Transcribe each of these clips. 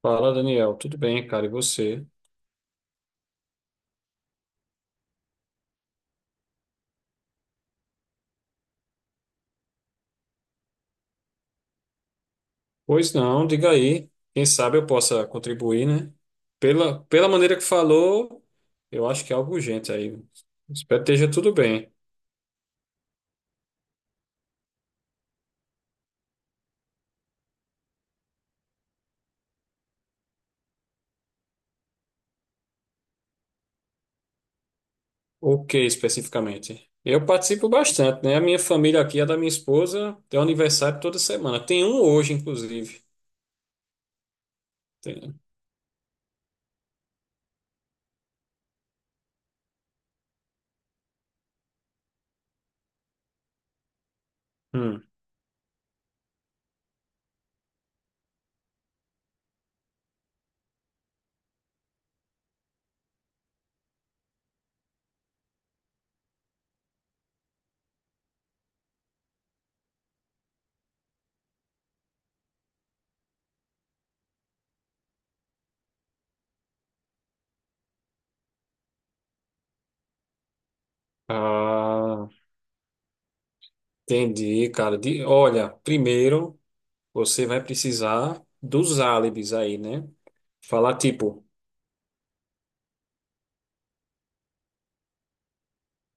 Fala, Daniel. Tudo bem, cara? E você? Pois não, diga aí. Quem sabe eu possa contribuir, né? Pela maneira que falou, eu acho que é algo urgente aí. Espero que esteja tudo bem. O que especificamente? Eu participo bastante, né? A minha família aqui, a da minha esposa, tem um aniversário toda semana. Tem um hoje, inclusive. Tem. Hum. Ah, entendi, cara. Olha, primeiro você vai precisar dos álibis aí, né? Falar tipo.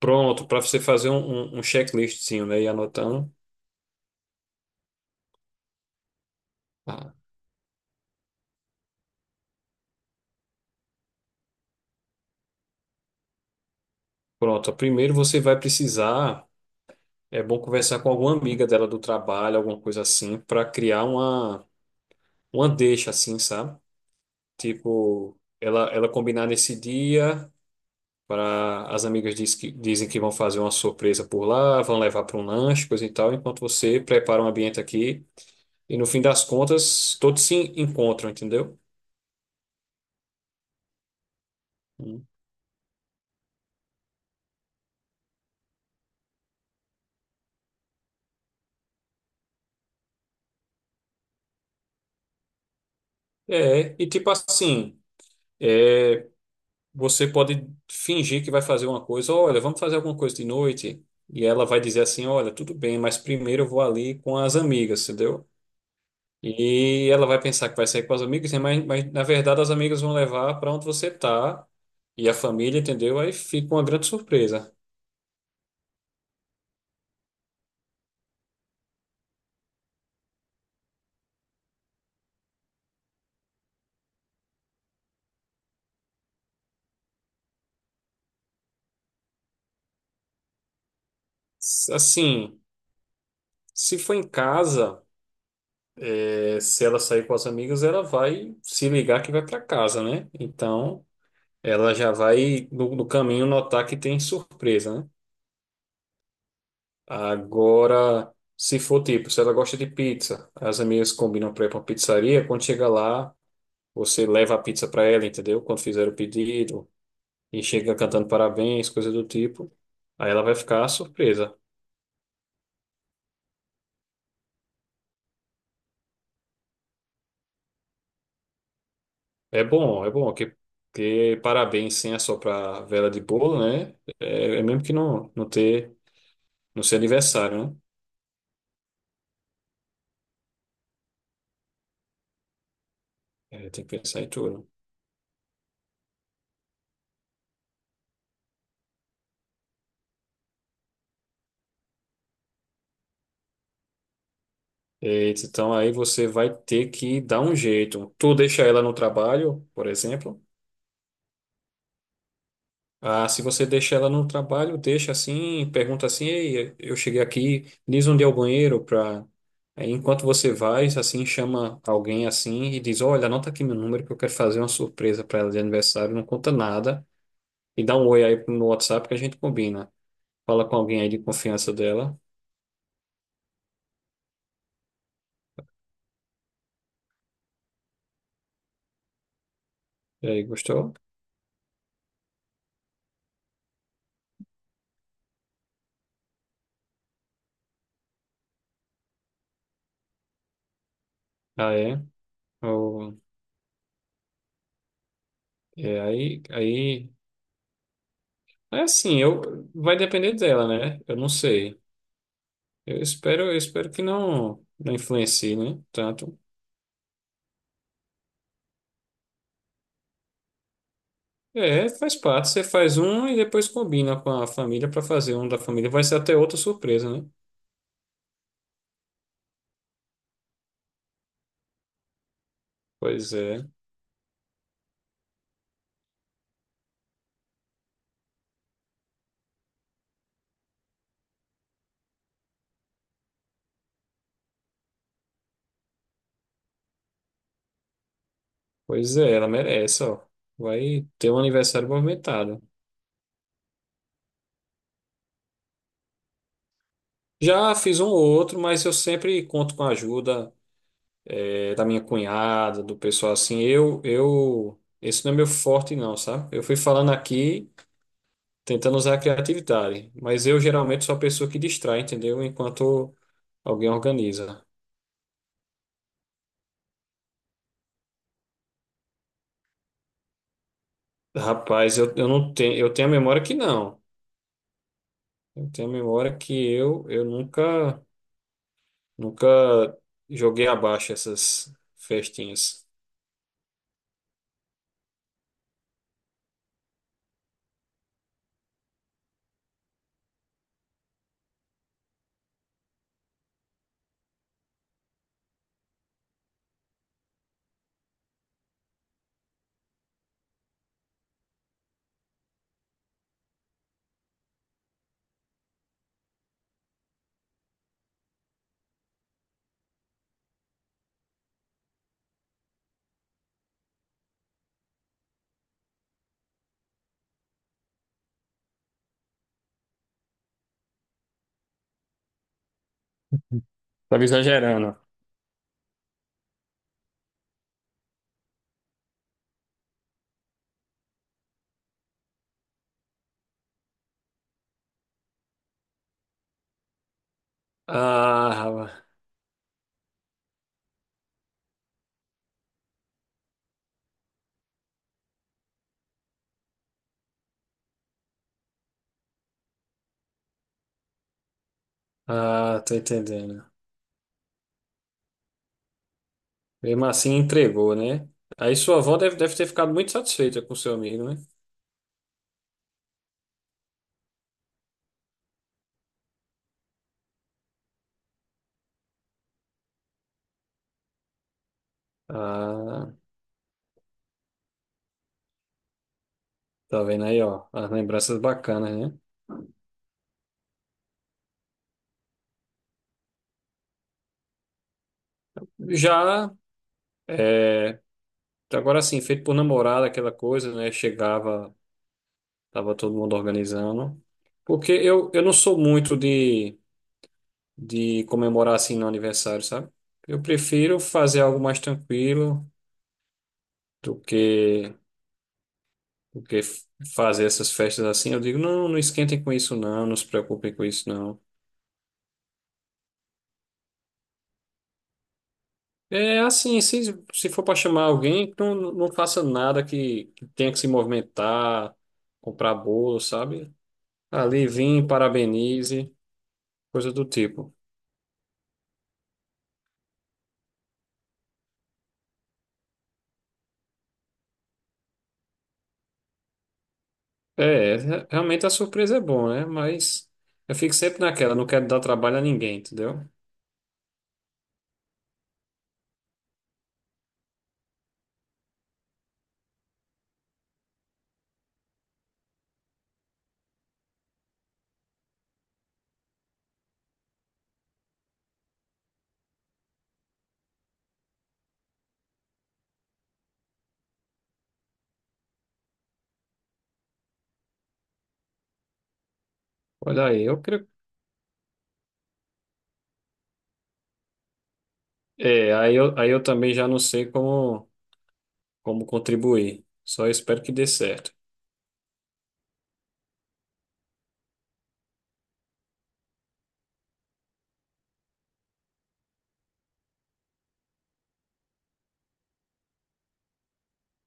Pronto, para você fazer um checklistzinho, né? E anotando. Ah, pronto, ó, primeiro você vai precisar, é bom conversar com alguma amiga dela do trabalho, alguma coisa assim, para criar uma deixa assim, sabe? Tipo, ela combinar nesse dia, para as amigas dizem que vão fazer uma surpresa por lá, vão levar para um lanche, coisa e tal, enquanto você prepara um ambiente aqui. E no fim das contas, todos se encontram, entendeu? Hum. É, e tipo assim. é, Você pode fingir que vai fazer uma coisa, olha, vamos fazer alguma coisa de noite. E ela vai dizer assim, olha, tudo bem, mas primeiro eu vou ali com as amigas, entendeu? E ela vai pensar que vai sair com as amigas, né? Mas na verdade as amigas vão levar para onde você tá e a família, entendeu? Aí fica uma grande surpresa. Assim, se for em casa, se ela sair com as amigas, ela vai se ligar que vai para casa, né? Então, ela já vai no caminho notar que tem surpresa, né? Agora, se for tipo, se ela gosta de pizza, as amigas combinam para ir para uma pizzaria, quando chega lá, você leva a pizza para ela, entendeu? Quando fizer o pedido e chega cantando parabéns, coisa do tipo. Aí ela vai ficar surpresa. É bom que parabéns sem assoprar vela de bolo, né? É, é mesmo que não não ter não ser aniversário, né? É, tem que pensar em tudo. Eita, então aí você vai ter que dar um jeito. Tu deixa ela no trabalho, por exemplo. Ah, se você deixa ela no trabalho, deixa assim, pergunta assim, ei, eu cheguei aqui, diz onde é o banheiro para enquanto você vai, assim, chama alguém assim e diz, olha, anota aqui meu número que eu quero fazer uma surpresa para ela de aniversário, não conta nada e dá um oi aí no WhatsApp que a gente combina. Fala com alguém aí de confiança dela. E aí, gostou? Ah, é. Eu- é aí é assim, eu vai depender dela, né? Eu não sei. Eu espero que não não influencie, né? Tanto. É, faz parte. Você faz um e depois combina com a família para fazer um da família. Vai ser até outra surpresa, né? Pois é. Pois é, ela merece, ó. Vai ter um aniversário movimentado. Já fiz um ou outro, mas eu sempre conto com a ajuda, da minha cunhada, do pessoal assim. Esse não é meu forte não, sabe? Eu fui falando aqui tentando usar a criatividade, mas eu geralmente sou a pessoa que distrai, entendeu? Enquanto alguém organiza. Rapaz, eu não tenho, eu tenho a memória que não. Eu tenho a memória que eu nunca, nunca joguei abaixo essas festinhas. Tava exagerando. Ah, ah, tô entendendo. Mesmo assim, entregou, né? Aí sua avó deve ter ficado muito satisfeita com seu amigo, né? Ah, tá vendo aí, ó, as lembranças bacanas, né? Já, é, agora sim, feito por namorada, aquela coisa, né? Chegava, tava todo mundo organizando. Porque eu não sou muito de comemorar assim no aniversário, sabe? Eu prefiro fazer algo mais tranquilo do que, do que fazer essas festas assim. Eu digo, não, não esquentem com isso, não, não se preocupem com isso, não. É assim, se for para chamar alguém, não, não faça nada que tenha que se movimentar, comprar bolo, sabe? Ali, vim, parabenize, coisa do tipo. É, realmente a surpresa é bom, né? Mas eu fico sempre naquela, não quero dar trabalho a ninguém, entendeu? Olha aí, eu creio. É, aí eu também já não sei como, como contribuir. Só espero que dê certo.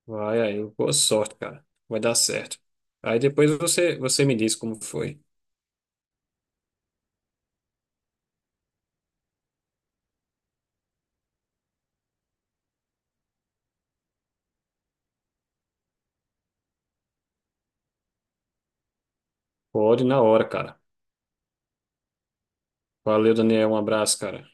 Vai aí, boa sorte, cara. Vai dar certo. Aí depois você me diz como foi. Pode na hora, cara. Valeu, Daniel. Um abraço, cara.